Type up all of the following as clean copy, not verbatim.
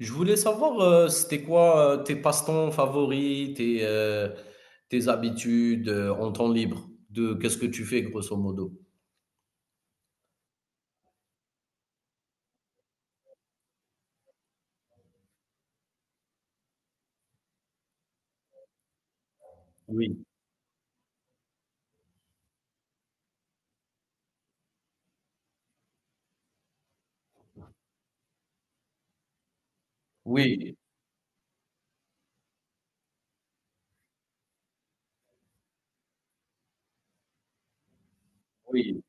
Je voulais savoir, c'était quoi tes passe-temps favoris, tes habitudes en temps libre, de qu'est-ce que tu fais grosso modo? Oui, oui, oui.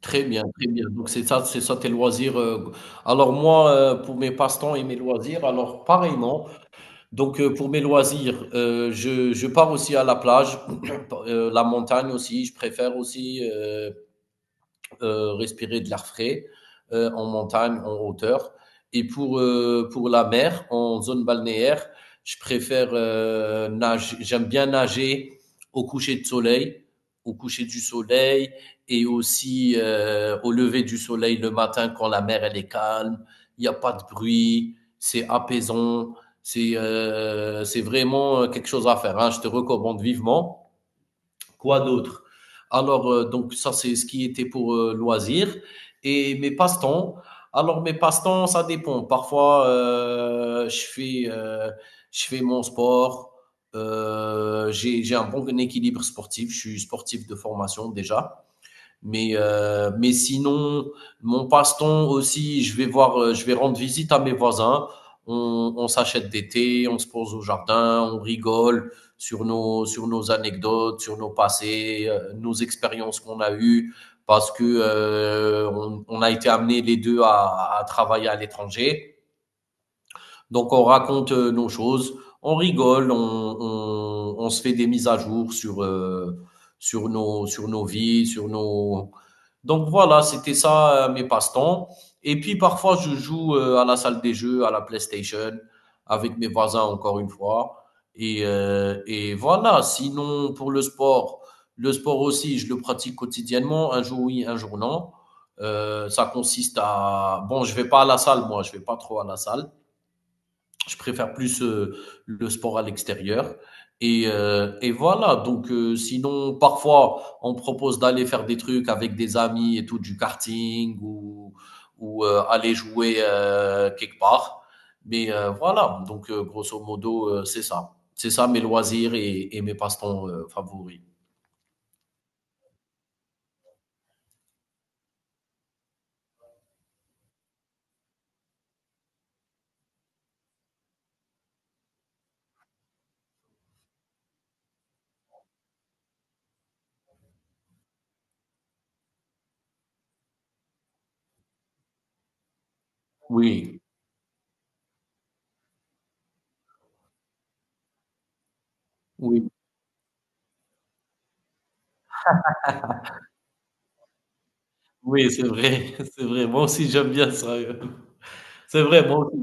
Très bien, très bien. Donc c'est ça tes loisirs. Alors moi, pour mes passe-temps et mes loisirs, alors pareillement. Donc pour mes loisirs, je pars aussi à la plage, la montagne aussi. Je préfère aussi. Respirer de l'air frais en montagne, en hauteur. Et pour la mer, en zone balnéaire, je préfère nager. J'aime bien nager au coucher de au coucher du soleil et aussi au lever du soleil le matin quand la mer elle est calme, il n'y a pas de bruit, c'est apaisant, c'est vraiment quelque chose à faire. Hein. Je te recommande vivement. Quoi d'autre. Alors, donc ça, c'est ce qui était pour loisirs. Et mes passe-temps. Alors, mes passe-temps, ça dépend. Parfois, je fais mon sport. J'ai un bon équilibre sportif. Je suis sportif de formation déjà. Mais sinon, mon passe-temps aussi, je vais rendre visite à mes voisins. On s'achète des thés, on se pose au jardin, on rigole sur sur nos anecdotes, sur nos passés, nos expériences qu'on a eues, parce que on a été amenés les deux à travailler à l'étranger. Donc, on raconte nos choses, on rigole, on se fait des mises à jour sur nos vies, sur nos... Donc voilà, c'était ça mes passe-temps. Et puis parfois, je joue à la salle des jeux, à la PlayStation, avec mes voisins encore une fois. Et voilà, sinon pour le sport aussi, je le pratique quotidiennement, un jour oui, un jour non. Ça consiste à... Bon, je vais pas à la salle, moi, je vais pas trop à la salle. Je préfère plus le sport à l'extérieur. Et voilà, donc sinon, parfois, on propose d'aller faire des trucs avec des amis et tout, du karting ou aller jouer quelque part. Mais voilà, donc grosso modo, c'est ça. C'est ça mes loisirs et mes passe-temps favoris. Oui, oui, oui, c'est vrai, c'est vrai. Moi aussi, j'aime bien ça. C'est vrai, moi aussi.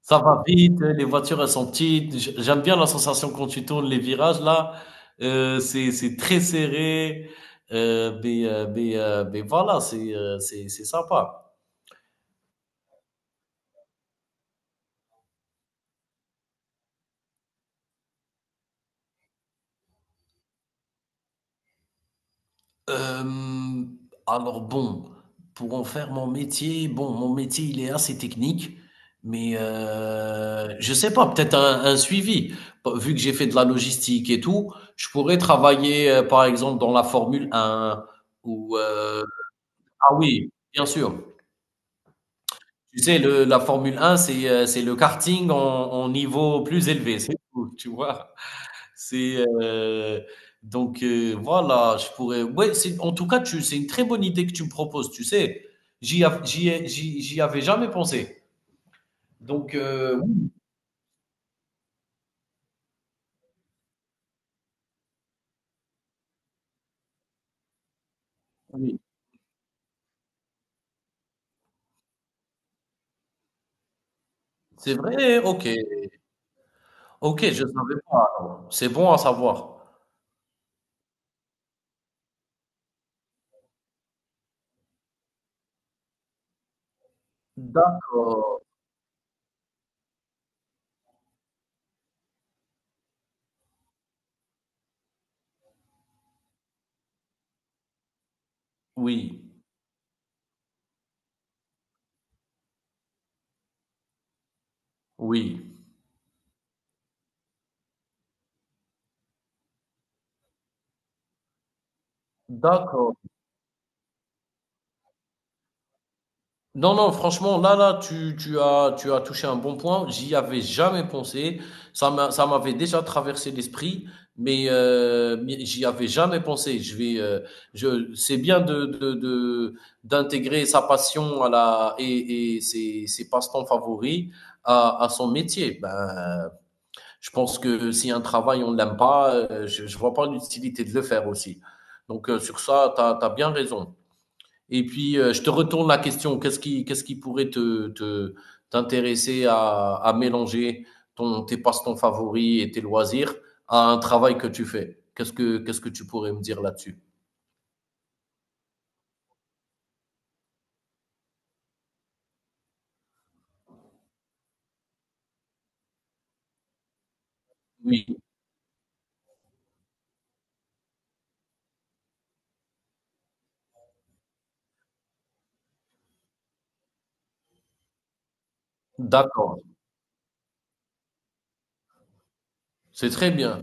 Ça va vite, les voitures, elles sont petites. J'aime bien la sensation quand tu tournes les virages, là. C'est très serré. Mais voilà, c'est sympa. Euh, alors bon, pour en faire mon métier, bon, mon métier, il est assez technique. Mais je sais pas, peut-être un suivi. Vu que j'ai fait de la logistique et tout, je pourrais travailler, par exemple, dans la Formule un ou... euh, Ah oui, bien sûr. Tu sais, le la Formule 1, c'est le karting en niveau plus élevé, c'est tout, tu vois? C'est, donc voilà, je pourrais ouais, c'est en tout cas, tu c'est une très bonne idée que tu me proposes, tu sais? J'y av j'y ai j'y j'y avais jamais pensé. Donc oui, oui, c'est vrai? OK. OK, je savais pas alors. C'est bon à savoir. D'accord. Oui, oui. D'accord. Non, non, franchement, là, là, tu as touché un bon point. J'y avais jamais pensé. Ça m'avait déjà traversé l'esprit, mais j'y avais jamais pensé. C'est bien d'intégrer sa passion à la et ses passe-temps favoris à son métier. Ben, je pense que si un travail on ne l'aime pas, je vois pas l'utilité de le faire aussi. Donc sur ça, t'as bien raison. Et puis, je te retourne la question. Qu'est-ce qui pourrait t'intéresser à mélanger tes passe-temps favoris et tes loisirs à un travail que tu fais? Qu'est-ce que tu pourrais me dire là-dessus? Oui, d'accord. C'est très bien.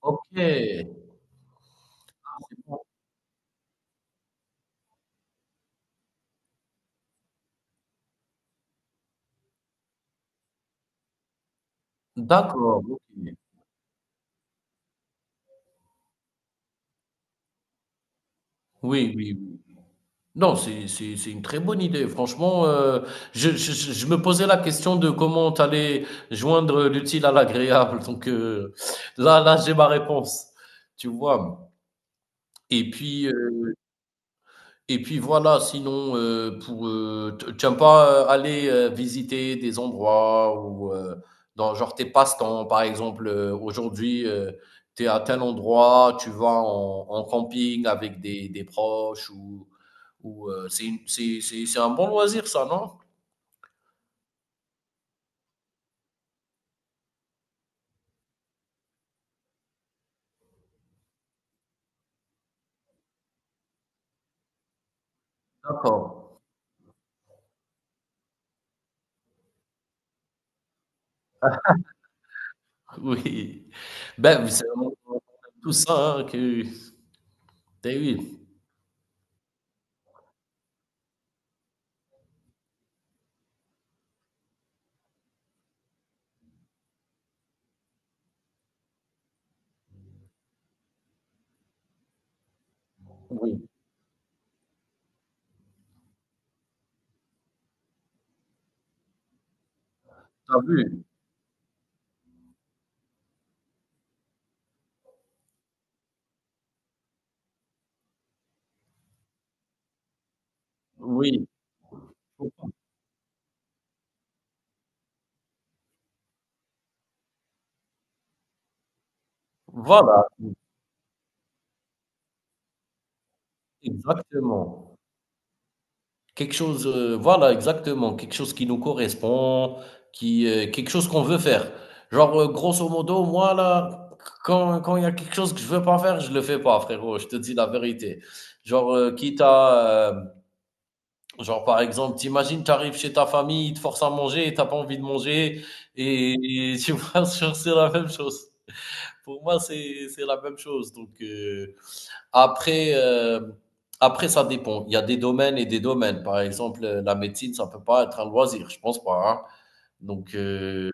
Ok, d'accord. Ok. Oui, oui, oui. Non, c'est une très bonne idée. Franchement, je me posais la question de comment tu allais joindre l'utile à l'agréable. Donc là, là, j'ai ma réponse. Tu vois. Et puis, heu et puis voilà, sinon, pour, t tu aimes pas, aller, visiter des endroits ou, dans genre tes passe-temps, par exemple, aujourd'hui, tu es à tel endroit, tu vas en camping avec des proches ou, c'est une c'est un bon loisir ça, non? D'accord, oui. Ben, c'est vraiment tout ça, hein, que beh, oui, oui. T'as vu? Oui, voilà, exactement. Quelque chose, voilà exactement, quelque chose qui nous correspond, qui, quelque chose qu'on veut faire. Genre, grosso modo, moi là, quand il y a quelque chose que je veux pas faire, je le fais pas frérot, je te dis la vérité. Genre, genre par exemple, tu imagines, tu arrives chez ta famille, ils te forcent à manger t'as pas envie de manger et tu vois? Genre c'est la même chose. Pour moi, c'est la même chose donc après, après, ça dépend. Il y a des domaines et des domaines. Par exemple, la médecine, ça peut pas être un loisir, je pense pas. Hein. Donc,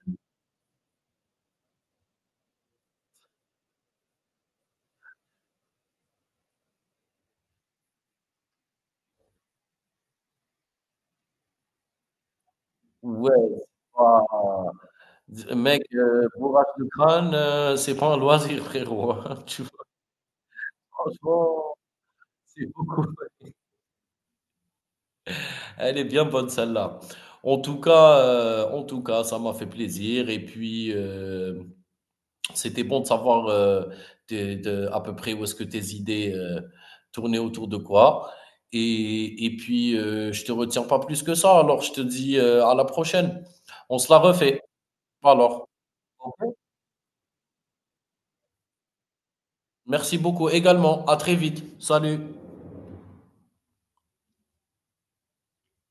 ouais, c'est pas- mec, bourrage de crâne, c'est pas un loisir, frérot. Hein. Tu vois, franchement, c'est beaucoup. Elle est bien bonne, celle-là. En tout cas, ça m'a fait plaisir. Et puis, c'était bon de savoir à peu près où est-ce que tes idées tournaient autour de quoi. Et puis, je te retiens pas plus que ça. Alors, je te dis à la prochaine. On se la refait. Alors, Ok, merci beaucoup également. À très vite. Salut.